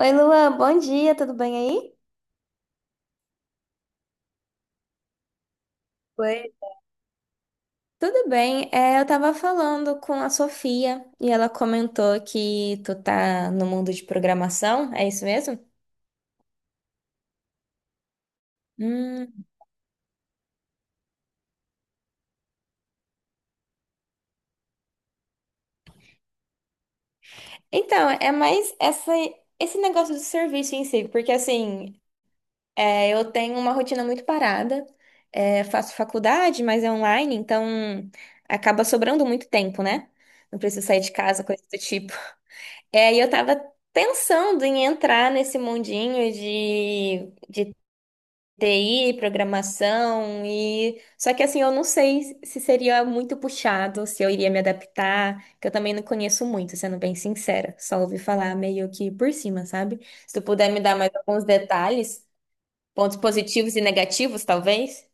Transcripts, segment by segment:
Oi, Luan, bom dia, tudo bem aí? Oi, tudo bem? Eu tava falando com a Sofia e ela comentou que tu tá no mundo de programação, é isso mesmo? Hum. Então, é mais essa, esse negócio do serviço em si, porque assim, eu tenho uma rotina muito parada, faço faculdade, mas é online, então acaba sobrando muito tempo, né? Não preciso sair de casa, coisa do tipo. E eu tava pensando em entrar nesse mundinho de TI, programação, e só que assim, eu não sei se seria muito puxado, se eu iria me adaptar, que eu também não conheço muito, sendo bem sincera, só ouvi falar meio que por cima, sabe? Se tu puder me dar mais alguns detalhes, pontos positivos e negativos, talvez.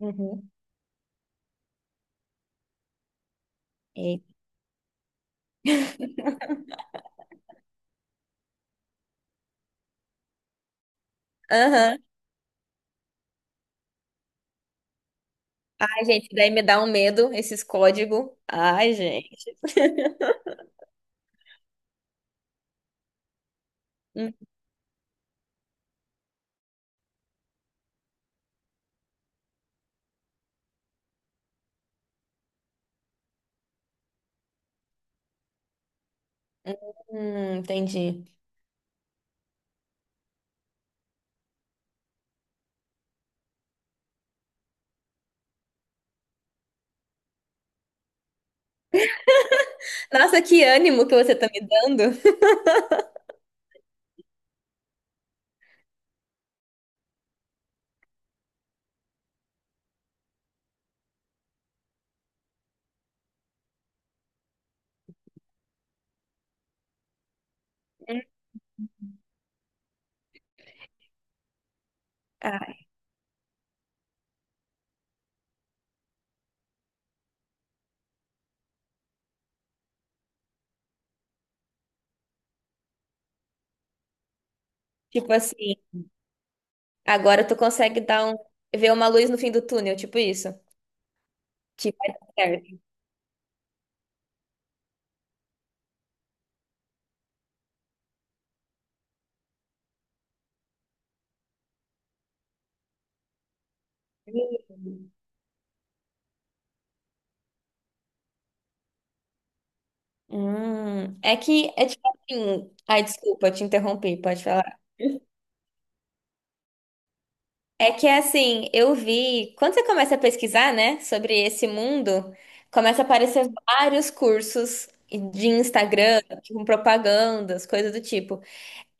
Uhum. Eita. Aham. Ai, gente, daí me dá um medo esses códigos. Ai, gente. Entendi. Nossa, que ânimo que você tá me dando. Hum. Tipo assim, agora tu consegue dar um, ver uma luz no fim do túnel, tipo isso. Que vai dar certo. É que é tipo assim. Ai, desculpa, te interrompi, pode falar. É que assim, eu vi. Quando você começa a pesquisar, né, sobre esse mundo, começa a aparecer vários cursos de Instagram, com propagandas, coisas do tipo.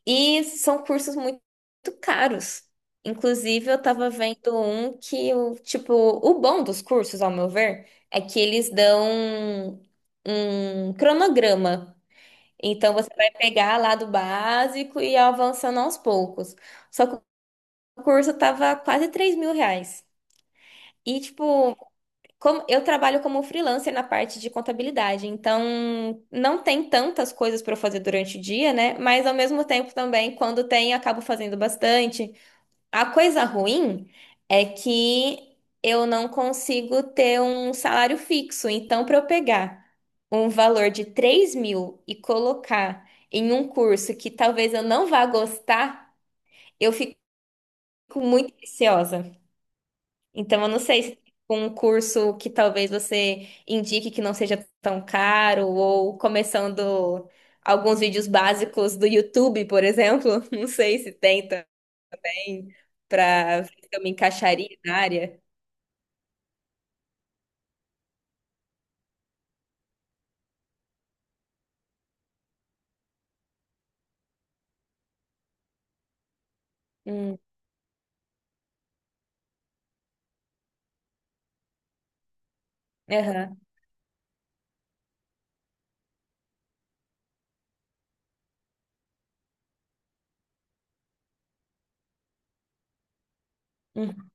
E são cursos muito, muito caros. Inclusive, eu tava vendo um que, o tipo, o bom dos cursos, ao meu ver, é que eles dão um cronograma. Então você vai pegar lá do básico e avançando aos poucos. Só que o curso tava quase 3 mil reais. E tipo, como eu trabalho como freelancer na parte de contabilidade, então não tem tantas coisas para fazer durante o dia, né? Mas ao mesmo tempo também, quando tem, eu acabo fazendo bastante. A coisa ruim é que eu não consigo ter um salário fixo. Então, para eu pegar um valor de 3 mil e colocar em um curso que talvez eu não vá gostar, eu fico muito receosa. Então, eu não sei se com um curso que talvez você indique que não seja tão caro, ou começando alguns vídeos básicos do YouTube, por exemplo. Não sei se tem também, para ver se eu me encaixaria na área. Hum, aham, hum,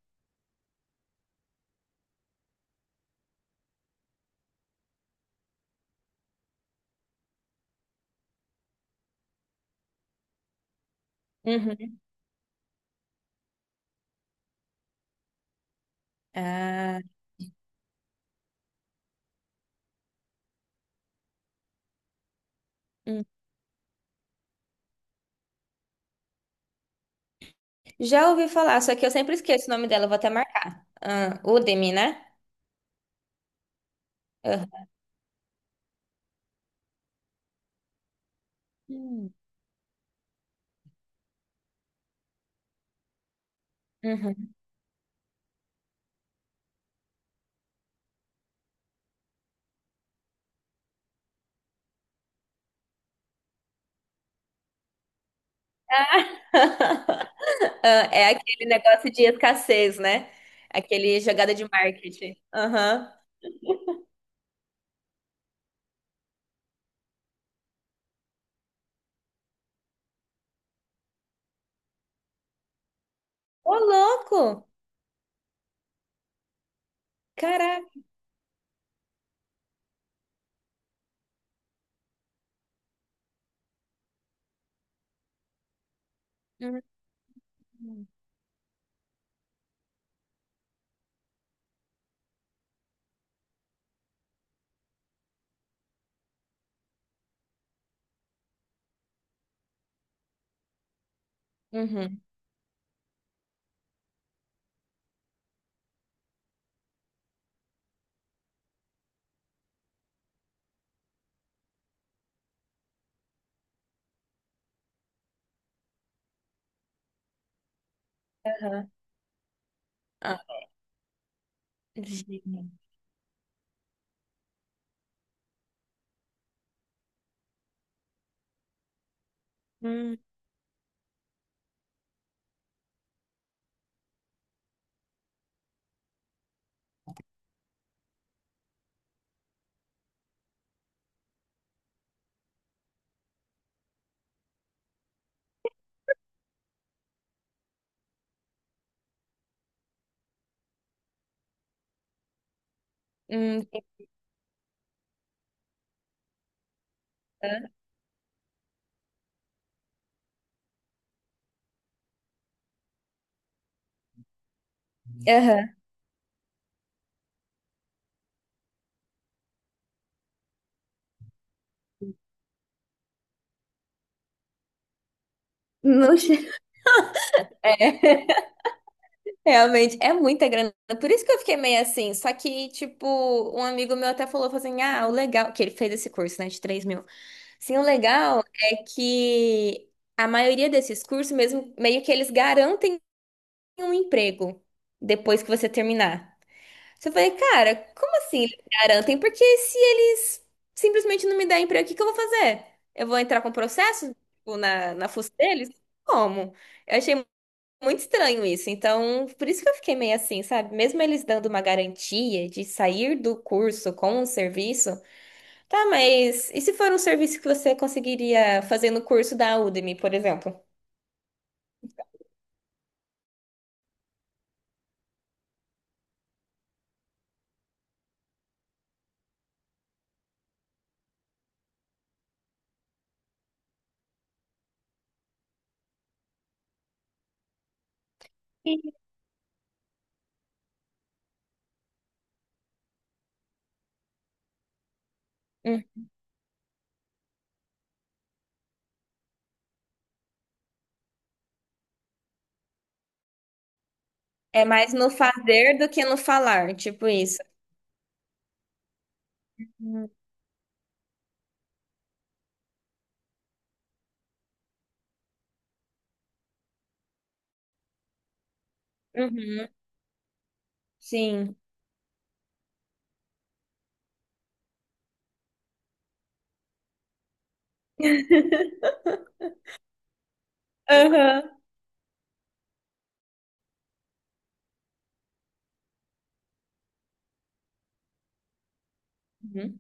uhum, ah, hum. Já ouvi falar, só que eu sempre esqueço o nome dela, eu vou até marcar. Ah, Udemy, né? Aham. Hum, uhum. Ah, é aquele negócio de escassez, né? Aquele jogada de marketing. Aham. Ô, louco! Caraca! Uhum, uhum, aham. Ah, gente. Hum, hum, aham. Aham. Não che- É. Realmente, é muita grana. Por isso que eu fiquei meio assim. Só que, tipo, um amigo meu até falou, falou assim: ah, o legal, que ele fez esse curso, né, de 3 mil. Sim, o legal é que a maioria desses cursos, mesmo, meio que eles garantem um emprego depois que você terminar. Só eu falei, cara, como assim eles garantem? Porque se eles simplesmente não me derem emprego, o que que eu vou fazer? Eu vou entrar com processo, tipo, na fuça deles? Como? Eu achei muito estranho isso. Então, por isso que eu fiquei meio assim, sabe? Mesmo eles dando uma garantia de sair do curso com um serviço, tá, mas e se for um serviço que você conseguiria fazer no curso da Udemy, por exemplo? Hum. É mais no fazer do que no falar, tipo isso. Uhum. Uhum. Sim. Aham. Uhum.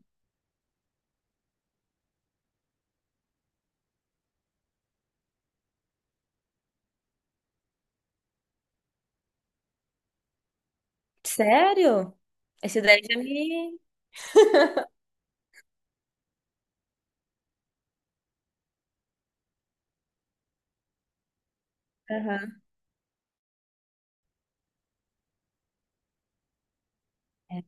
Sério? Esse ideia já me. Aham. É.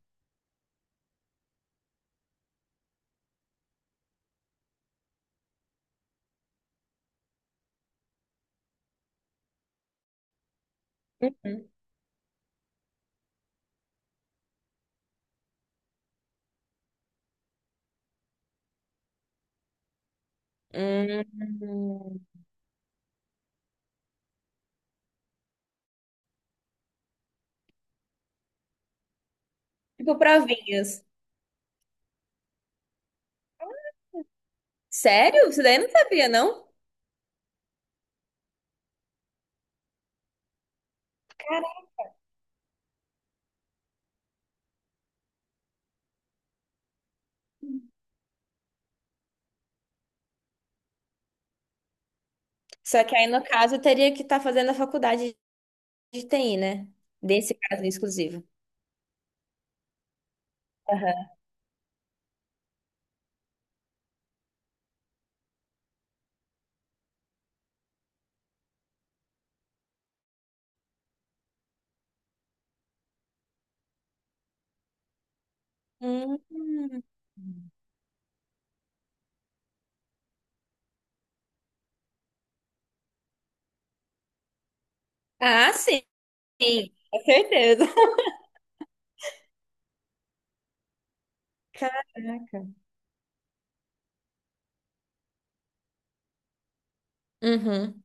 Uhum. Hum. Tipo provinhas. Sério? Isso daí eu não sabia, não? Só que aí, no caso, eu teria que estar fazendo a faculdade de TI, né? Desse caso exclusivo. Aham. Hum. Ah, sim, com certeza. Caraca. Uhum.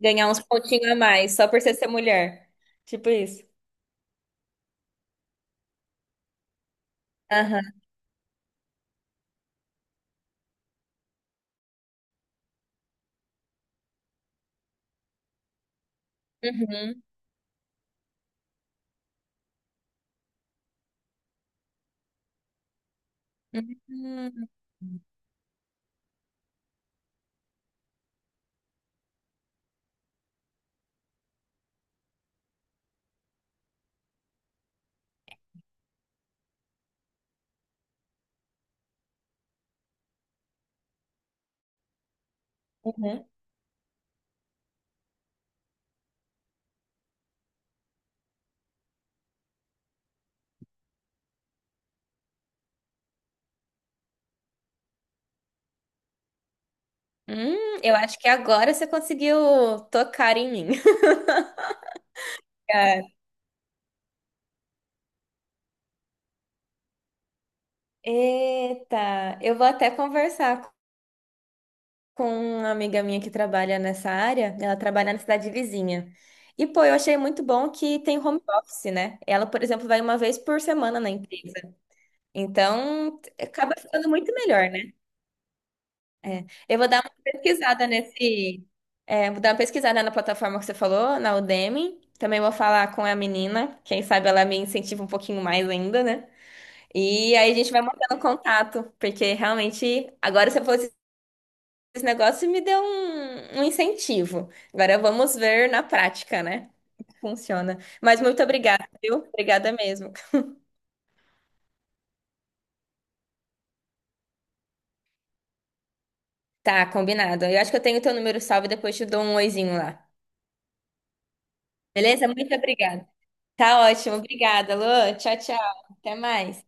Ganhar uns pontinhos a mais, só por você ser mulher. Tipo isso. Aham. Uhum. Uhum. Uhum. Hum, eu acho que agora você conseguiu tocar em mim. Cara. Eita, eu vou até conversar com uma amiga minha que trabalha nessa área, ela trabalha na cidade vizinha. E, pô, eu achei muito bom que tem home office, né? Ela, por exemplo, vai 1 vez por semana na empresa. Então, acaba ficando muito melhor, né? É. Eu vou dar uma pesquisada nesse. É, vou dar uma pesquisada na plataforma que você falou, na Udemy. Também vou falar com a menina. Quem sabe ela me incentiva um pouquinho mais ainda, né? E aí a gente vai mantendo contato, porque realmente agora você falou esse negócio me deu um incentivo. Agora vamos ver na prática, né? Funciona. Mas muito obrigada, viu? Obrigada mesmo. Tá, combinado. Eu acho que eu tenho teu número salvo e depois te dou um oizinho lá. Beleza? Muito obrigada. Tá ótimo. Obrigada, Lu. Tchau, tchau. Até mais.